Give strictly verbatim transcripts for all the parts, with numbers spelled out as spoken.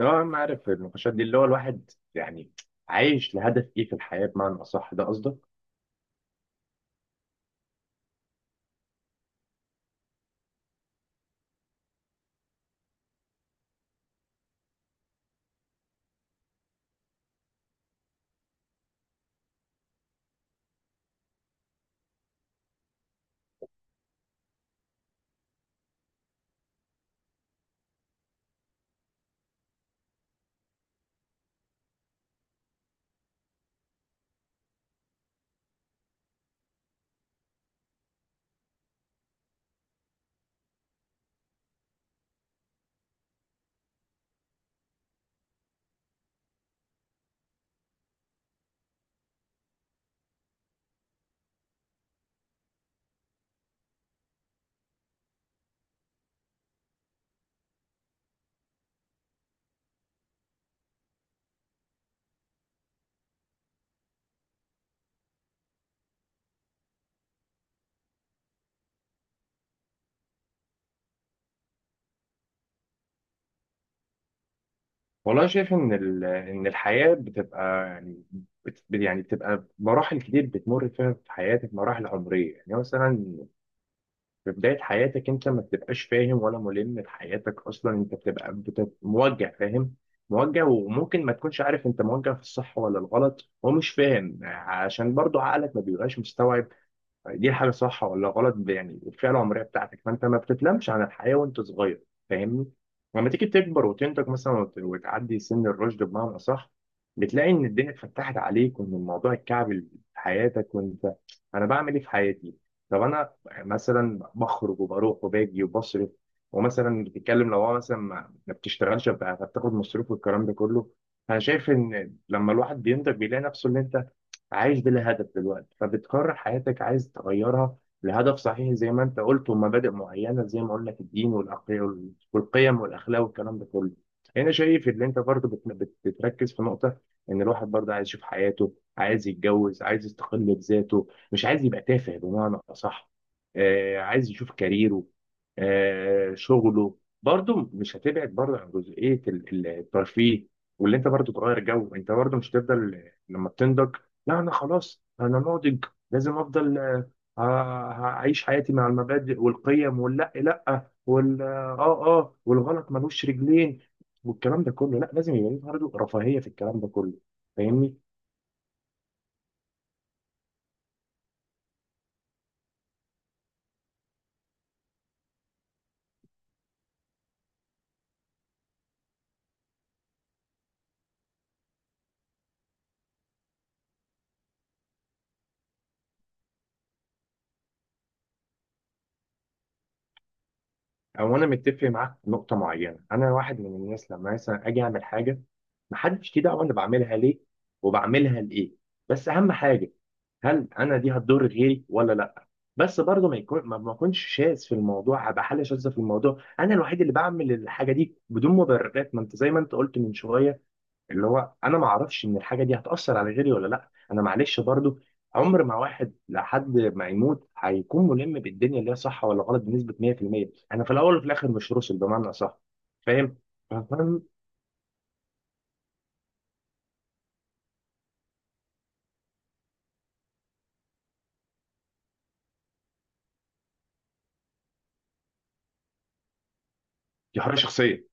اه انا عارف النقاشات دي، اللي هو الواحد يعني عايش لهدف ايه في الحياه؟ بمعنى اصح، ده قصدك؟ والله أنا شايف ان ال- ان الحياه بتبقى يعني، بت يعني بتبقى مراحل كتير بتمر فيها في حياتك، مراحل عمريه يعني. مثلا في بدايه حياتك انت ما بتبقاش فاهم ولا ملم بحياتك اصلا، انت بتبقى بتبقى موجه فاهم؟ موجه، وممكن ما تكونش عارف انت موجه في الصح ولا الغلط، ومش فاهم عشان برضو عقلك ما بيبقاش مستوعب دي الحاجه صح ولا غلط. ب- يعني الفئه العمريه بتاعتك، فانت ما بتتلمش عن الحياه وانت صغير، فاهمني؟ لما تيجي تكبر وتنتج مثلا، وت- وتعدي سن الرشد بمعنى اصح، بتلاقي ان الدنيا اتفتحت عليك وان الموضوع اتكعبل في حياتك، وانت انا بعمل ايه في حياتي؟ طب انا مثلا بخرج وبروح وباجي وبصرف، ومثلا بتتكلم لو هو مثلا ما ما بتشتغلش، فبتاخد مصروف والكلام ده كله. انا شايف ان لما الواحد بينتج بيلاقي نفسه اللي انت عايش بلا هدف دلوقتي، فبتقرر حياتك عايز تغيرها لهدف صحيح زي ما انت قلت، ومبادئ معينه زي ما قلنا لك، الدين والأخ- والقيم والاخلاق والكلام ده كله. هنا شايف ان انت برضه بت- بت- بتركز في نقطه ان الواحد برضه عايز يشوف حياته، عايز يتجوز، عايز يستقل بذاته، مش عايز يبقى تافه بمعنى اصح. آه، عايز يشوف كاريره، آه شغله برضه مش هتبعد برضه عن جزئيه ال- ال- الترفيه، واللي انت برضه تغير جو. انت برضه مش هتفضل، لما بتنضج لا، انا خلاص انا ناضج، لازم افضل آه، آه، اعيش حياتي مع المبادئ والقيم، واللا لا، وال اه اه والغلط ملوش رجلين والكلام ده كله. لا، لازم يبقى ليه برضه رفاهيه في الكلام ده كله، فاهمني؟ او انا متفق معاك في نقطه معينه. انا واحد من الناس لما مثلا اجي اعمل حاجه، محدش ليه دعوه انا بعملها ليه وبعملها لايه، بس اهم حاجه، هل انا دي هتضر غيري ولا لا؟ بس برضه ما يكون، ما ما اكونش شاذ في الموضوع، ابقى حاله شاذه في الموضوع، انا الوحيد اللي بعمل الحاجه دي بدون مبررات، ما انت زي ما انت قلت من شويه، اللي هو انا ما اعرفش ان الحاجه دي هتاثر على غيري ولا لا. انا معلش برضه، عمر ما واحد لحد ما يموت هيكون ملم بالدنيا اللي هي صح ولا غلط بنسبه مية في المية، انا في الاول وفي الاخر مش روسل بمعنى صح، فاهم؟ فاهم، دي حريه شخصيه.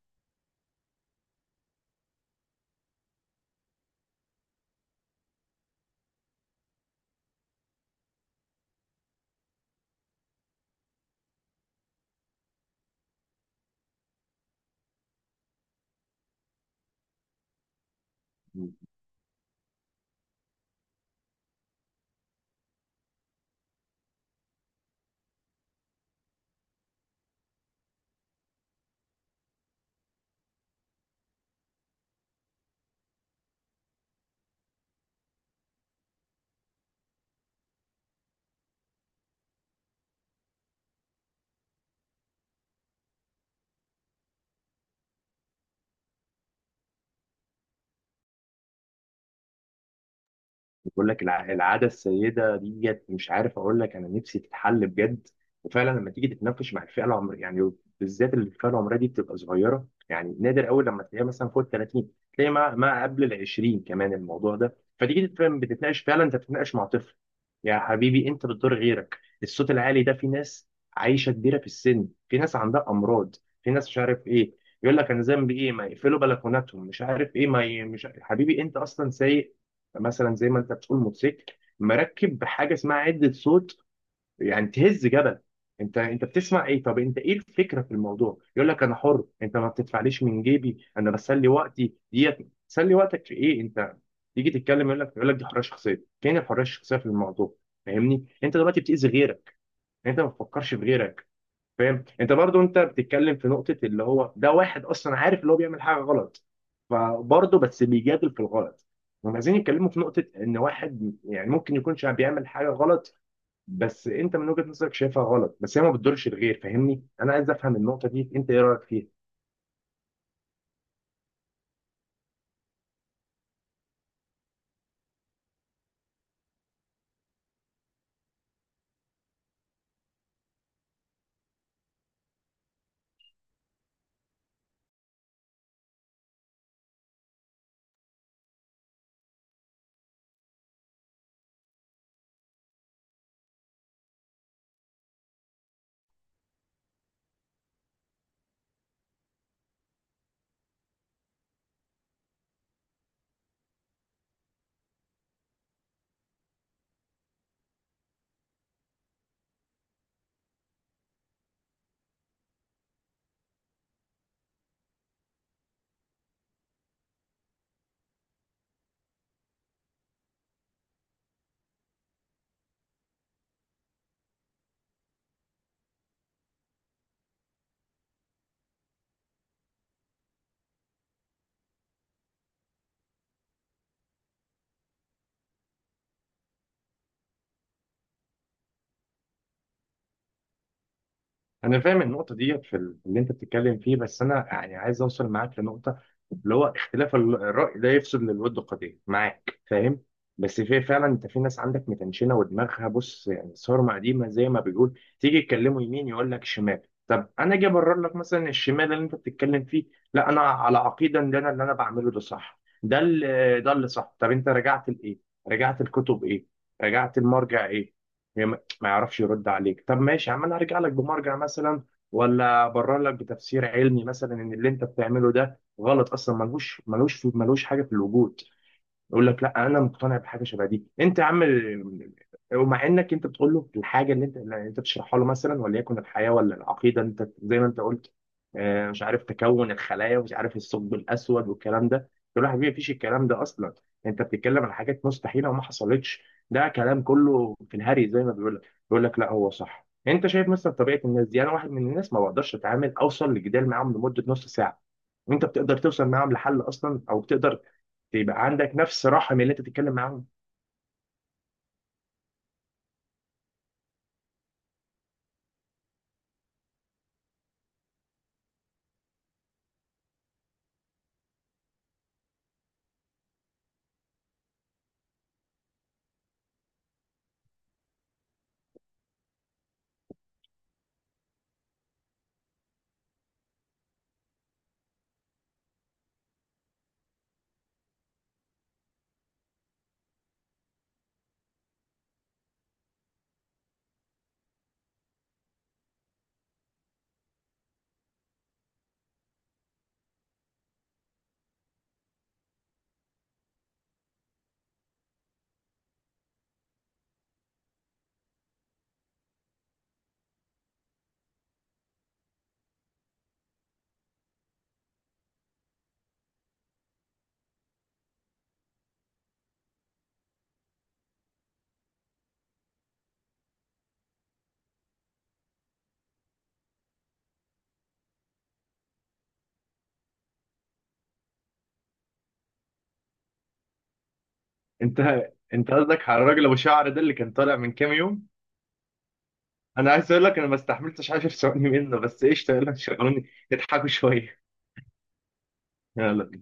بقول لك الع- العاده السيده ديت، مش عارف اقول لك، انا نفسي تتحل بجد. وفعلا لما تيجي تتناقش مع الفئه العمريه يعني، بالذات الفئه العمريه دي بتبقى صغيره، يعني نادر قوي لما تلاقيها مثلا فوق ال تلاتين، تلاقي ما, ما قبل ال عشرين كمان الموضوع ده. فتيجي تتفهم بتتناقش، فعلا انت بتتناقش مع طفل. يا حبيبي انت بتضر غيرك، الصوت العالي ده في ناس عايشه كبيره في السن، في ناس عندها امراض، في ناس مش عارف ايه. يقول لك انا ذنبي ايه، ما يقفلوا بلكوناتهم، مش عارف ايه، ما ي... مش ع- حبيبي انت اصلا سايق مثلا، زي ما انت بتقول، موتوسيكل مركب بحاجه اسمها عده صوت، يعني تهز جبل. انت انت بتسمع ايه؟ طب انت ايه الفكره في الموضوع؟ يقول لك انا حر، انت ما بتدفعليش من جيبي، انا بسلي وقتي ديت. تسلي وقتك في ايه انت؟ تيجي تتكلم يقول لك يقول لك دي حريه شخصيه. فين الحريه الشخصيه في الموضوع؟ فاهمني، انت دلوقتي بتاذي غيرك، يعني انت ما بتفكرش في غيرك. فاهم انت برضو؟ انت بتتكلم في نقطه اللي هو ده واحد اصلا عارف اللي هو بيعمل حاجه غلط، فبرضه بس بيجادل في الغلط. هم عايزين يتكلموا في نقطه ان واحد يعني ممكن يكون شا- بيعمل حاجه غلط، بس انت من وجهه نظرك شايفها غلط، بس هي ما بتضرش الغير، فاهمني؟ انا عايز افهم النقطه دي، انت ايه رايك فيها؟ انا فاهم النقطه دي في ال- اللي انت بتتكلم فيه، بس انا يعني عايز اوصل معاك لنقطه، اللي هو اختلاف ال- الراي لا يفسد للود قضيه، معاك فاهم. بس في فعلا، انت في ناس عندك متنشنه ودماغها، بص، يعني صارمه قديمه زي ما بيقول، تيجي يتكلموا يمين يقول لك شمال. طب انا اجي ابرر لك مثلا الشمال اللي انت بتتكلم فيه، لا انا على عقيده ان انا اللي انا بعمله ده صح، ده اللي ده اللي صح. طب انت رجعت لايه؟ رجعت الكتب ايه؟ رجعت المرجع ايه؟ ما يعرفش يرد عليك. طب ماشي يا عم، انا هرجع لك بمرجع مثلا، ولا ابرر لك بتفسير علمي مثلا ان اللي انت بتعمله ده غلط اصلا، ملهوش ملوش ملوش حاجه في الوجود. يقول لك لا انا مقتنع بحاجه شبه دي، انت يا عم ال- ومع انك انت بتقول له الحاجه اللي انت اللي انت بتشرحها له مثلا، وليكن الحياه ولا العقيده، انت زي ما انت قلت، آه، مش عارف تكون الخلايا ومش عارف الثقب الاسود والكلام ده، تقول له يا حبيبي مفيش الكلام ده اصلا، انت بتتكلم عن حاجات مستحيله وما حصلتش، ده كلام كله في الهري زي ما بيقول لك. بيقول لك لا هو صح. انت شايف مثلا طبيعه الناس دي، انا واحد من الناس ما بقدرش اتعامل اوصل لجدال معاهم لمده نص ساعه، وانت بتقدر توصل معاهم لحل اصلا؟ او بتقدر يبقى عندك نفس رحم اللي انت بتتكلم معاهم؟ انت انت قصدك على الراجل ابو شعر ده اللي كان طالع من كام يوم؟ انا عايز اقول لك انا ما استحملتش عشر ثواني منه، بس ايش، يلا شغلوني يضحكوا شويه. يلا.